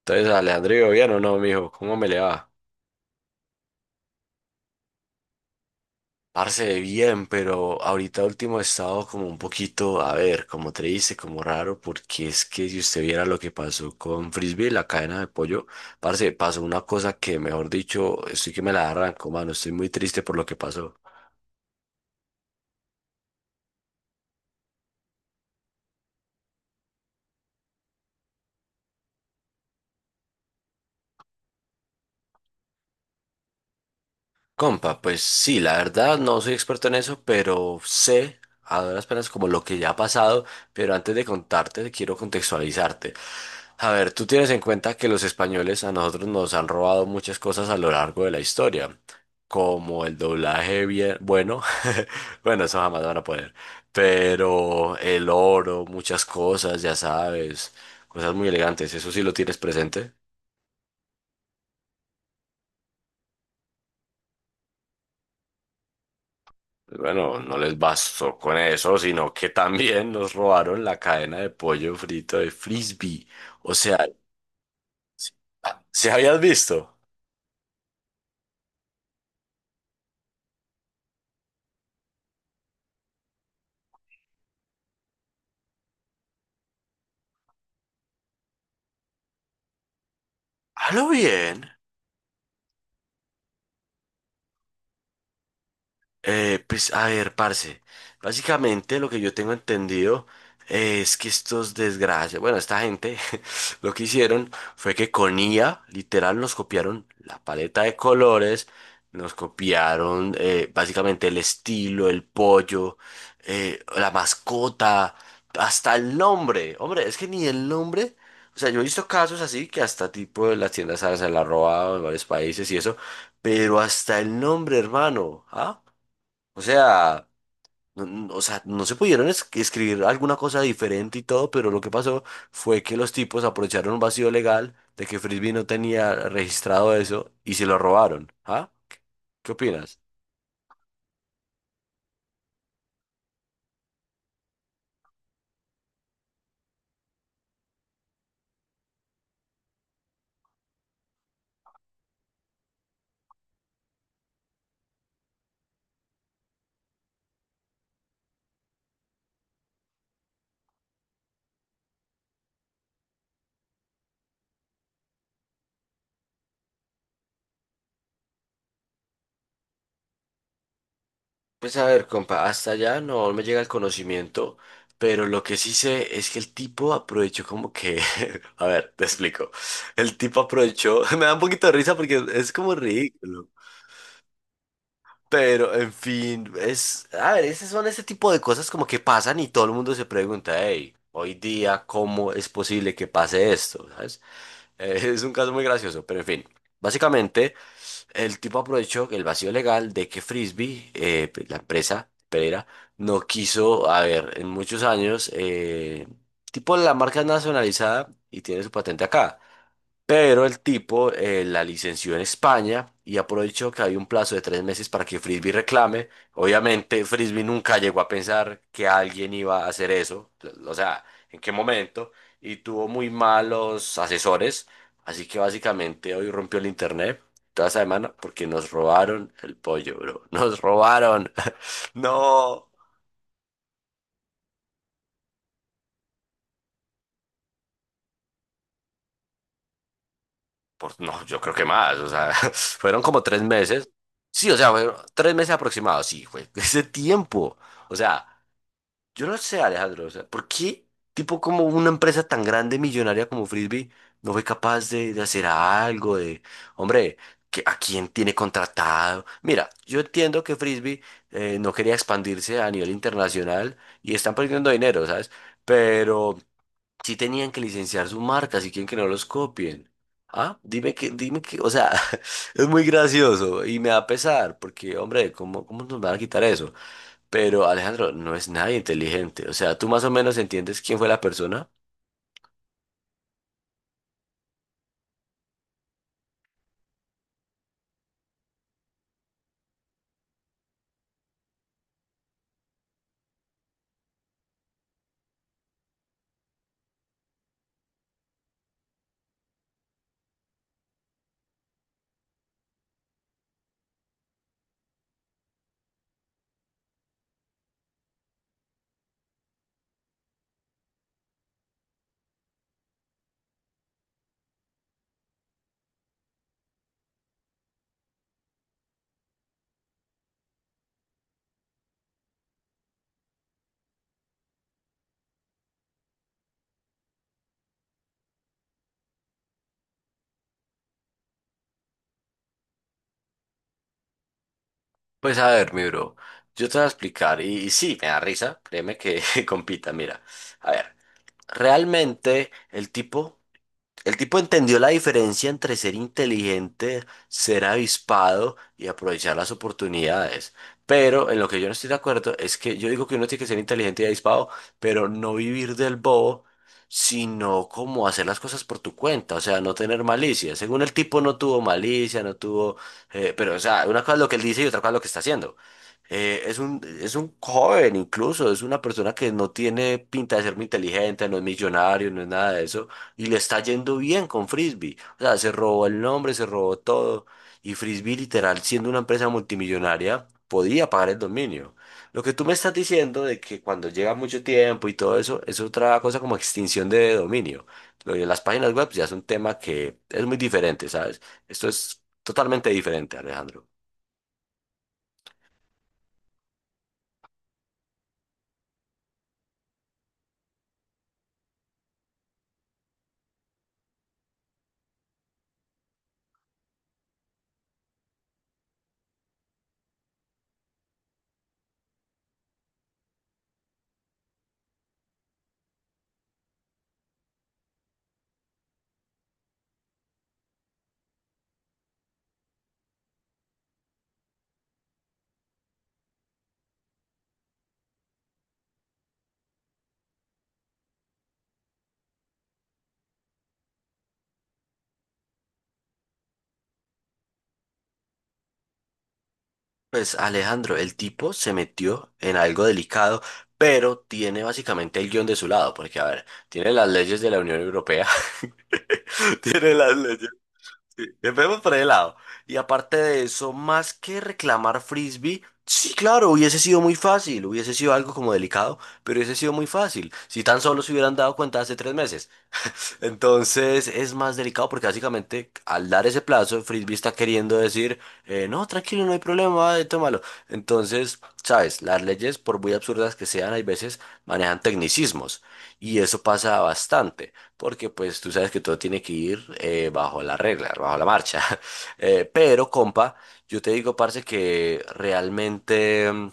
Entonces, Alejandro, ¿bien o no, mijo? ¿Cómo me le va? Parce, bien, pero ahorita último he estado como un poquito, a ver, como te dice, como raro, porque es que si usted viera lo que pasó con Frisbee, la cadena de pollo, parce, pasó una cosa que, mejor dicho, estoy que me la arranco, mano, estoy muy triste por lo que pasó. Compa, pues sí, la verdad no soy experto en eso, pero sé a duras penas como lo que ya ha pasado, pero antes de contarte quiero contextualizarte. A ver, tú tienes en cuenta que los españoles a nosotros nos han robado muchas cosas a lo largo de la historia, como el doblaje bien, bueno, bueno, eso jamás van a poder, pero el oro, muchas cosas, ya sabes, cosas muy elegantes, eso sí lo tienes presente. Bueno, no les bastó con eso, sino que también nos robaron la cadena de pollo frito de Frisbee. O sea, ¿si habías visto? Halo bien. Pues a ver, parce. Básicamente lo que yo tengo entendido es que estos desgracias, bueno, esta gente lo que hicieron fue que con IA, literal, nos copiaron la paleta de colores, nos copiaron básicamente el estilo, el pollo, la mascota, hasta el nombre. Hombre, es que ni el nombre. O sea, yo he visto casos así que hasta tipo de las tiendas, ¿sabes? Se la han robado en varios países y eso, pero hasta el nombre, hermano, ¿ah? O sea, o sea, no se pudieron escribir alguna cosa diferente y todo, pero lo que pasó fue que los tipos aprovecharon un vacío legal de que Frisbee no tenía registrado eso y se lo robaron. ¿Ah? ¿Qué opinas? Pues a ver, compa, hasta allá no me llega el conocimiento, pero lo que sí sé es que el tipo aprovechó como que, a ver, te explico. El tipo aprovechó, me da un poquito de risa porque es como ridículo. Pero, en fin, es, a ver, esas son ese tipo de cosas como que pasan y todo el mundo se pregunta, hey, hoy día, ¿cómo es posible que pase esto? ¿Sabes? Es un caso muy gracioso, pero en fin. Básicamente, el tipo aprovechó el vacío legal de que Frisbee, pues, la empresa Pereira, no quiso, a ver, en muchos años, tipo la marca es nacionalizada y tiene su patente acá. Pero el tipo la licenció en España y aprovechó que había un plazo de 3 meses para que Frisbee reclame. Obviamente, Frisbee nunca llegó a pensar que alguien iba a hacer eso, o sea, en qué momento, y tuvo muy malos asesores. Así que básicamente hoy rompió el internet toda esa semana porque nos robaron el pollo, bro. Nos robaron. No. Por, no, yo creo que más, o sea, fueron como 3 meses. Sí, o sea, fueron 3 meses aproximados, sí, fue ese tiempo. O sea, yo no sé, Alejandro, o sea, ¿por qué tipo como una empresa tan grande, millonaria como Frisbee, no fue capaz de hacer algo de, hombre, que, ¿a quién tiene contratado? Mira, yo entiendo que Frisbee no quería expandirse a nivel internacional y están perdiendo dinero, ¿sabes? Pero sí tenían que licenciar su marca, si quieren que no los copien. Ah, dime que, o sea, es muy gracioso y me da pesar, porque, hombre, ¿cómo nos van a quitar eso? Pero Alejandro, no es nadie inteligente. O sea, tú más o menos entiendes quién fue la persona. Pues a ver, mi bro, yo te voy a explicar. Y sí, me da risa, créeme que compita, mira. A ver, realmente el tipo... El tipo entendió la diferencia entre ser inteligente, ser avispado y aprovechar las oportunidades. Pero en lo que yo no estoy de acuerdo es que yo digo que uno tiene que ser inteligente y avispado, pero no vivir del bobo, sino como hacer las cosas por tu cuenta, o sea, no tener malicia. Según el tipo no tuvo malicia, no tuvo... pero, o sea, una cosa es lo que él dice y otra cosa es lo que está haciendo. Es un joven incluso, es una persona que no tiene pinta de ser muy inteligente, no es millonario, no es nada de eso y le está yendo bien con Frisbee. O sea, se robó el nombre, se robó todo. Y Frisbee, literal, siendo una empresa multimillonaria, podía pagar el dominio. Lo que tú me estás diciendo de que cuando llega mucho tiempo y todo eso, es otra cosa como extinción de dominio. Lo de las páginas web ya es un tema que es muy diferente, ¿sabes? Esto es totalmente diferente, Alejandro. Pues Alejandro, el tipo se metió en algo delicado, pero tiene básicamente el guión de su lado, porque a ver, tiene las leyes de la Unión Europea, tiene las leyes, sí, empecemos por el lado. Y aparte de eso, más que reclamar frisbee, sí, claro, hubiese sido muy fácil, hubiese sido algo como delicado, pero hubiese sido muy fácil, si tan solo se hubieran dado cuenta hace 3 meses. Entonces es más delicado porque básicamente al dar ese plazo, Frisbee está queriendo decir, no, tranquilo, no hay problema, tómalo. Entonces, sabes, las leyes, por muy absurdas que sean, hay veces manejan tecnicismos y eso pasa bastante porque pues tú sabes que todo tiene que ir bajo la regla, bajo la marcha. Pero, compa, yo te digo, parce, que realmente...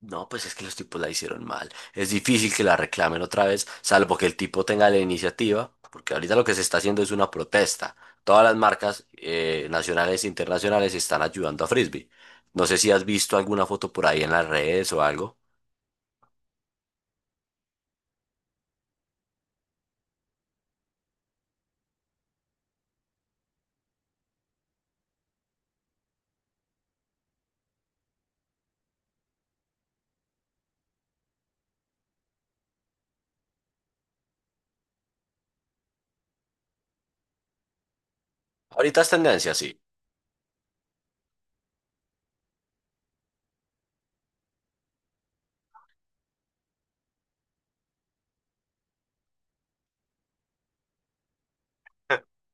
No, pues es que los tipos la hicieron mal. Es difícil que la reclamen otra vez, salvo que el tipo tenga la iniciativa, porque ahorita lo que se está haciendo es una protesta. Todas las marcas nacionales e internacionales están ayudando a Frisbee. No sé si has visto alguna foto por ahí en las redes o algo. Ahorita es tendencia, sí.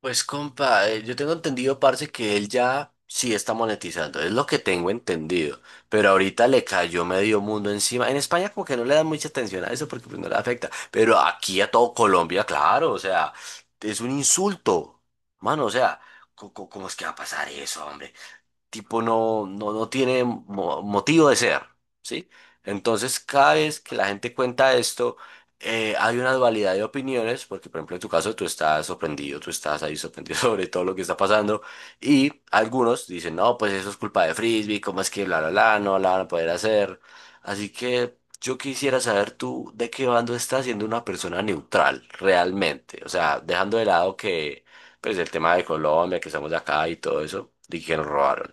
Pues compa, yo tengo entendido, parce, que él ya sí está monetizando, es lo que tengo entendido, pero ahorita le cayó medio mundo encima. En España como que no le dan mucha atención a eso porque pues, no le afecta, pero aquí a todo Colombia, claro, o sea, es un insulto, mano, o sea, ¿cómo es que va a pasar eso, hombre? Tipo no tiene motivo de ser, ¿sí? Entonces, cada vez que la gente cuenta esto, hay una dualidad de opiniones, porque por ejemplo en tu caso tú estás sorprendido, tú estás ahí sorprendido sobre todo lo que está pasando, y algunos dicen, no, pues eso es culpa de Frisbee, ¿cómo es que bla, bla, bla, no la van a poder hacer? Así que yo quisiera saber tú de qué bando estás siendo una persona neutral, realmente, o sea, dejando de lado que pues el tema de Colombia, que estamos acá y todo eso, y que nos robaron.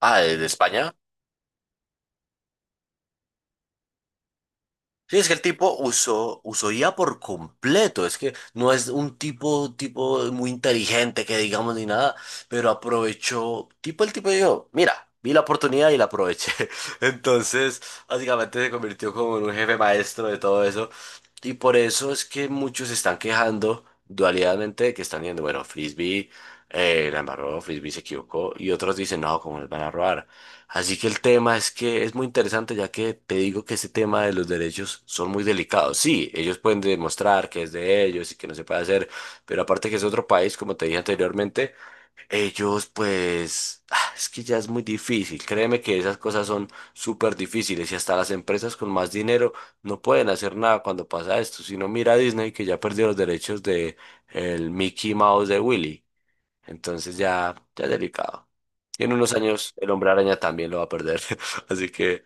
Ah, de España. Sí, es que el tipo usó IA por completo. Es que no es un tipo, tipo muy inteligente que digamos ni nada, pero aprovechó. Tipo, el tipo dijo, mira, vi la oportunidad y la aproveché. Entonces, básicamente se convirtió como en un jefe maestro de todo eso. Y por eso es que muchos se están quejando dualidadmente de que están diciendo, bueno, Frisbee la embarró, Frisbee se equivocó. Y otros dicen, no, ¿cómo les van a robar? Así que el tema es que es muy interesante, ya que te digo que ese tema de los derechos son muy delicados. Sí, ellos pueden demostrar que es de ellos y que no se puede hacer, pero aparte que es otro país, como te dije anteriormente, ellos pues ah, es que ya es muy difícil. Créeme que esas cosas son súper difíciles y hasta las empresas con más dinero no pueden hacer nada cuando pasa esto. Si no, mira a Disney que ya perdió los derechos de el Mickey Mouse de Willy. Entonces ya es delicado. Y en unos años el hombre araña también lo va a perder. Así que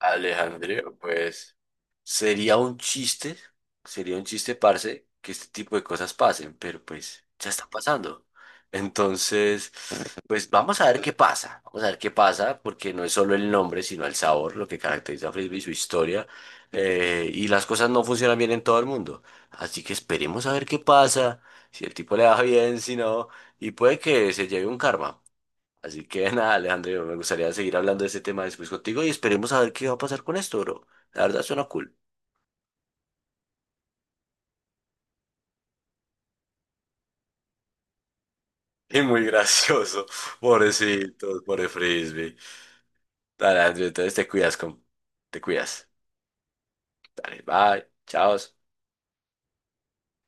Alejandro, pues sería un chiste, sería un chiste, parce, que este tipo de cosas pasen, pero pues ya está pasando. Entonces, pues vamos a ver qué pasa, vamos a ver qué pasa, porque no es solo el nombre, sino el sabor, lo que caracteriza a Frisbee, su historia, y las cosas no funcionan bien en todo el mundo. Así que esperemos a ver qué pasa, si el tipo le va bien, si no, y puede que se lleve un karma. Así que nada, Alejandro, me gustaría seguir hablando de este tema después contigo y esperemos a ver qué va a pasar con esto, bro. La verdad suena cool. Y muy gracioso. Pobrecitos, pobre frisbee. Dale, Andrew, entonces te cuidas, con... te cuidas. Dale, bye, chao.